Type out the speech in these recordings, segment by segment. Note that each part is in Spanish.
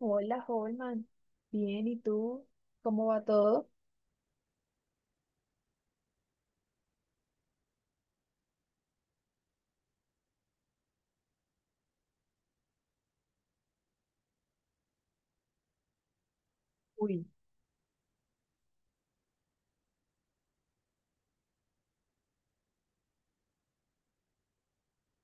Hola, Holman. Bien, ¿y tú? ¿Cómo va todo? Uy,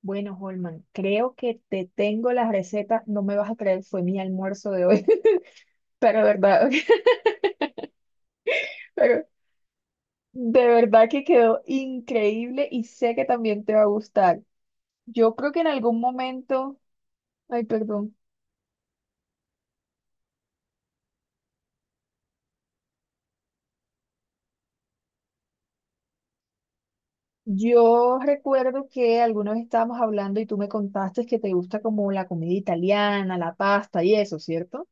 bueno, Holman, creo que te tengo las recetas. No me vas a creer, fue mi almuerzo de hoy. Pero de verdad, pero de verdad que quedó increíble y sé que también te va a gustar. Yo creo que en algún momento, ay, perdón, yo recuerdo que alguna vez estábamos hablando y tú me contaste que te gusta como la comida italiana, la pasta y eso, ¿cierto?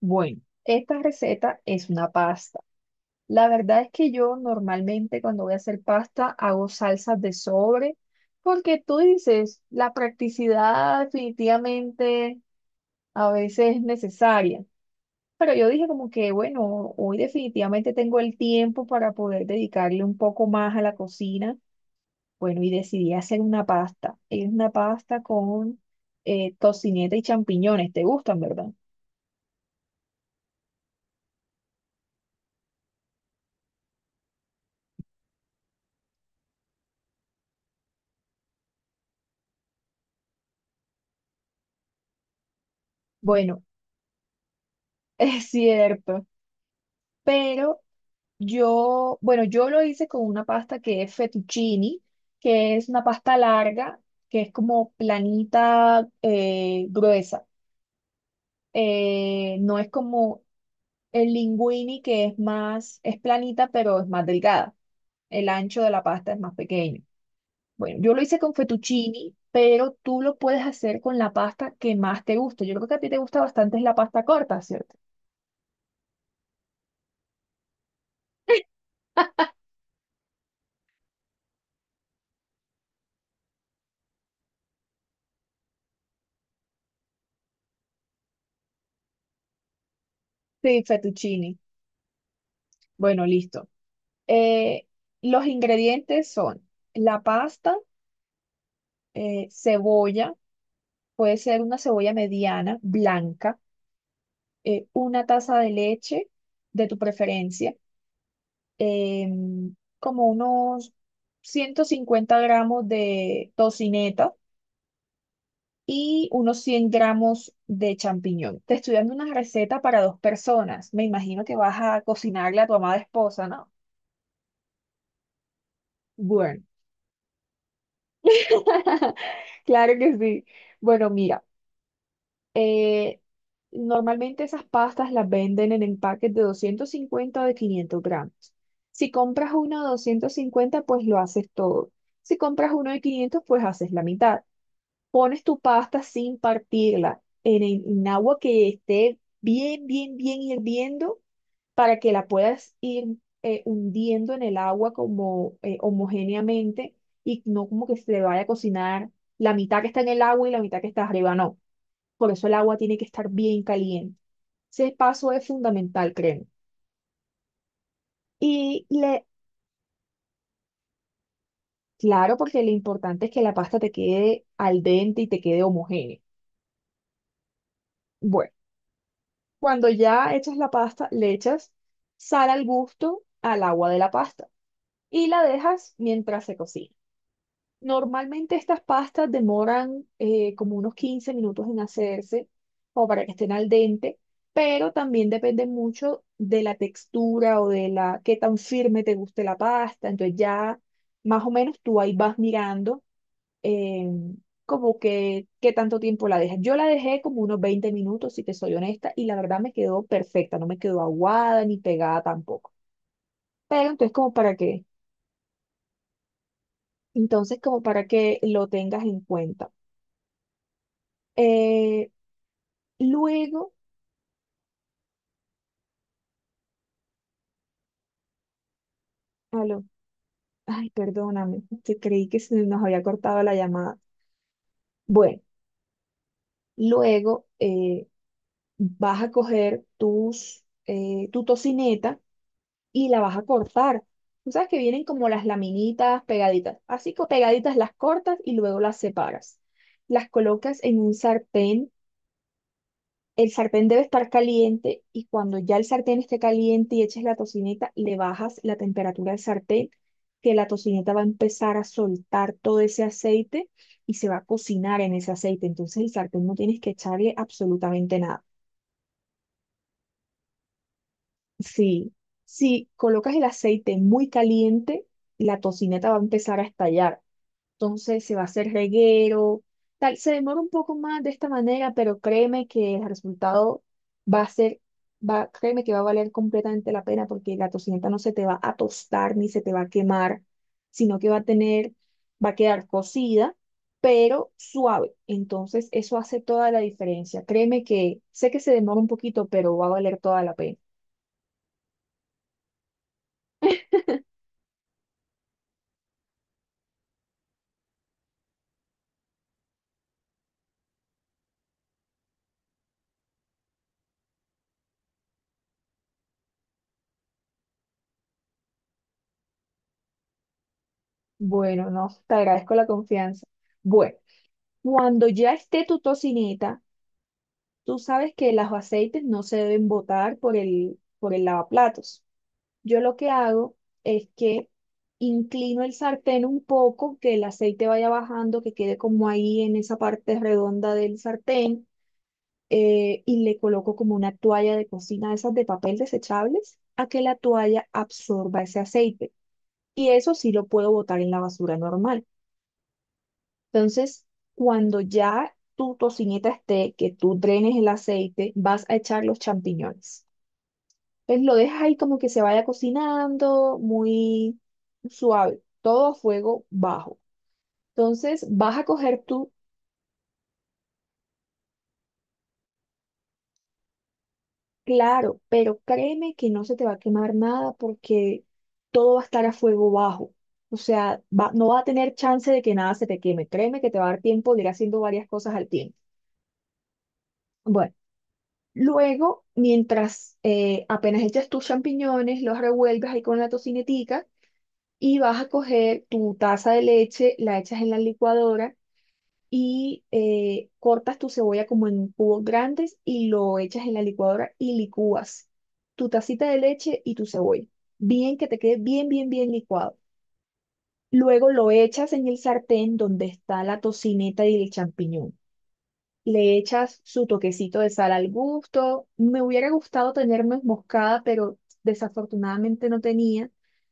Bueno, esta receta es una pasta. La verdad es que yo normalmente cuando voy a hacer pasta hago salsas de sobre, porque tú dices, la practicidad definitivamente a veces es necesaria. Pero yo dije como que, bueno, hoy definitivamente tengo el tiempo para poder dedicarle un poco más a la cocina. Bueno, y decidí hacer una pasta. Es una pasta con tocineta y champiñones. ¿Te gustan, verdad? Bueno, es cierto. Pero yo, bueno, yo lo hice con una pasta que es fettuccine, que es una pasta larga, que es como planita, gruesa. No es como el linguini, que es más, es planita, pero es más delgada. El ancho de la pasta es más pequeño. Bueno, yo lo hice con fettuccini, pero tú lo puedes hacer con la pasta que más te guste. Yo creo que a ti te gusta bastante es la pasta corta, ¿cierto? Sí, fettuccini. Bueno, listo. Eh, los ingredientes son la pasta, cebolla, puede ser una cebolla mediana, blanca, una taza de leche de tu preferencia, como unos 150 gramos de tocineta y unos 100 gramos de champiñón. Te estoy dando una receta para dos personas. Me imagino que vas a cocinarle a tu amada esposa, ¿no? Bueno, claro que sí. Bueno, mira, eh, normalmente esas pastas las venden en empaques de 250 o de 500 gramos. Si compras uno de 250, pues lo haces todo. Si compras uno de 500, pues haces la mitad. Pones tu pasta sin partirla en, en agua que esté bien, bien, bien hirviendo para que la puedas ir hundiendo en el agua como homogéneamente y no como que se le vaya a cocinar la mitad que está en el agua y la mitad que está arriba, no. Por eso el agua tiene que estar bien caliente. Ese paso es fundamental, créeme. Y le, claro, porque lo importante es que la pasta te quede al dente y te quede homogénea. Bueno. Cuando ya echas la pasta, le echas sal al gusto al agua de la pasta y la dejas mientras se cocina. Normalmente estas pastas demoran como unos 15 minutos en hacerse o para que estén al dente, pero también depende mucho de la textura o de la qué tan firme te guste la pasta. Entonces ya más o menos tú ahí vas mirando eh, como que qué tanto tiempo la dejas. Yo la dejé como unos 20 minutos, si te soy honesta, y la verdad me quedó perfecta, no me quedó aguada ni pegada tampoco. Pero entonces como para que, entonces como para que lo tengas en cuenta. Eh, luego, aló, ay, perdóname, te creí que se nos había cortado la llamada. Bueno, luego vas a coger tus, tu tocineta y la vas a cortar. Tú sabes que vienen como las laminitas pegaditas. Así que pegaditas las cortas y luego las separas. Las colocas en un sartén. El sartén debe estar caliente y cuando ya el sartén esté caliente y eches la tocineta, le bajas la temperatura al sartén, que la tocineta va a empezar a soltar todo ese aceite y se va a cocinar en ese aceite. Entonces el sartén no tienes que echarle absolutamente nada. Sí, si colocas el aceite muy caliente, la tocineta va a empezar a estallar. Entonces se va a hacer reguero, tal. Se demora un poco más de esta manera, pero créeme que el resultado va a ser, va, créeme que va a valer completamente la pena porque la tocineta no se te va a tostar ni se te va a quemar, sino que va a tener, va a quedar cocida, pero suave. Entonces eso hace toda la diferencia. Créeme que sé que se demora un poquito, pero va a valer toda la pena. Bueno, no, te agradezco la confianza. Bueno, cuando ya esté tu tocineta, tú sabes que los aceites no se deben botar por el lavaplatos. Yo lo que hago es que inclino el sartén un poco, que el aceite vaya bajando, que quede como ahí en esa parte redonda del sartén, y le coloco como una toalla de cocina, de esas de papel desechables, a que la toalla absorba ese aceite. Y eso sí lo puedo botar en la basura normal. Entonces, cuando ya tu tocineta esté, que tú drenes el aceite, vas a echar los champiñones. Entonces, lo dejas ahí como que se vaya cocinando, muy suave, todo a fuego bajo. Entonces, vas a coger tú, claro, pero créeme que no se te va a quemar nada porque todo va a estar a fuego bajo. O sea, no va a tener chance de que nada se te queme. Créeme que te va a dar tiempo de ir haciendo varias cosas al tiempo. Bueno. Luego, mientras apenas echas tus champiñones, los revuelves ahí con la tocinetica y vas a coger tu taza de leche, la echas en la licuadora y cortas tu cebolla como en cubos grandes y lo echas en la licuadora y licúas tu tacita de leche y tu cebolla. Bien que te quede bien, bien, bien licuado. Luego lo echas en el sartén donde está la tocineta y el champiñón. Le echas su toquecito de sal al gusto. Me hubiera gustado tener nuez moscada, pero desafortunadamente no tenía.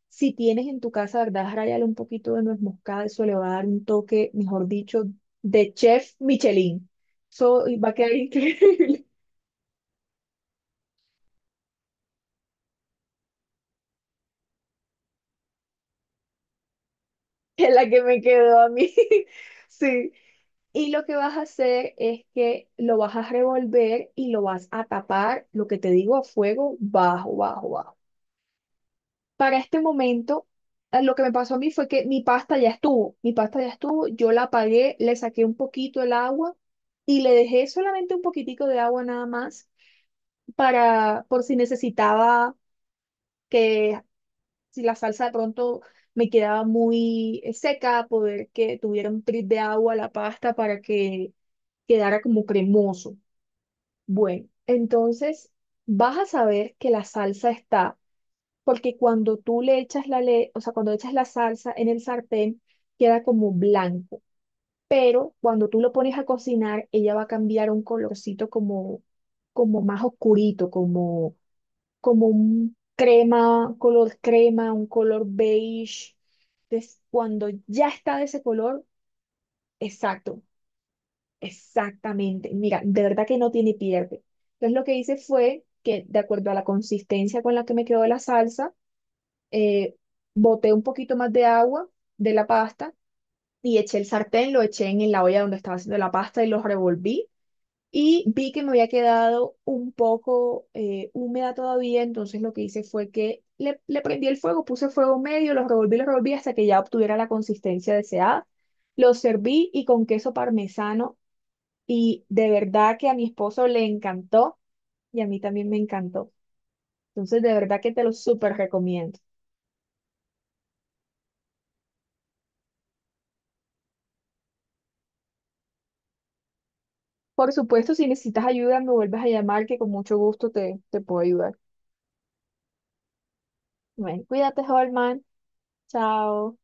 Si tienes en tu casa, ¿verdad? Rayale un poquito de nuez moscada, eso le va a dar un toque, mejor dicho, de chef Michelin. Eso va a quedar increíble. Es la que me quedó a mí. Sí. Y lo que vas a hacer es que lo vas a revolver y lo vas a tapar, lo que te digo, a fuego bajo, bajo, bajo. Para este momento, lo que me pasó a mí fue que mi pasta ya estuvo, yo la apagué, le saqué un poquito el agua y le dejé solamente un poquitico de agua nada más para, por si necesitaba que, si la salsa de pronto me quedaba muy seca, poder que tuviera un trit de agua la pasta para que quedara como cremoso. Bueno, entonces vas a saber que la salsa está porque cuando tú le echas la le- o sea, cuando echas la salsa en el sartén, queda como blanco, pero cuando tú lo pones a cocinar, ella va a cambiar un colorcito como, como más oscurito, como, como un crema, color crema, un color beige. Entonces, cuando ya está de ese color, exacto, exactamente. Mira, de verdad que no tiene pierde. Entonces, lo que hice fue que, de acuerdo a la consistencia con la que me quedó la salsa, eh, boté un poquito más de agua de la pasta y eché el sartén, lo eché en la olla donde estaba haciendo la pasta y lo revolví. Y vi que me había quedado un poco húmeda todavía, entonces lo que hice fue que le prendí el fuego, puse fuego medio, lo revolví hasta que ya obtuviera la consistencia deseada. Lo serví y con queso parmesano y de verdad que a mi esposo le encantó y a mí también me encantó. Entonces de verdad que te lo súper recomiendo. Por supuesto, si necesitas ayuda, me vuelves a llamar, que con mucho gusto te puedo ayudar. Bueno, cuídate, Holman. Chao.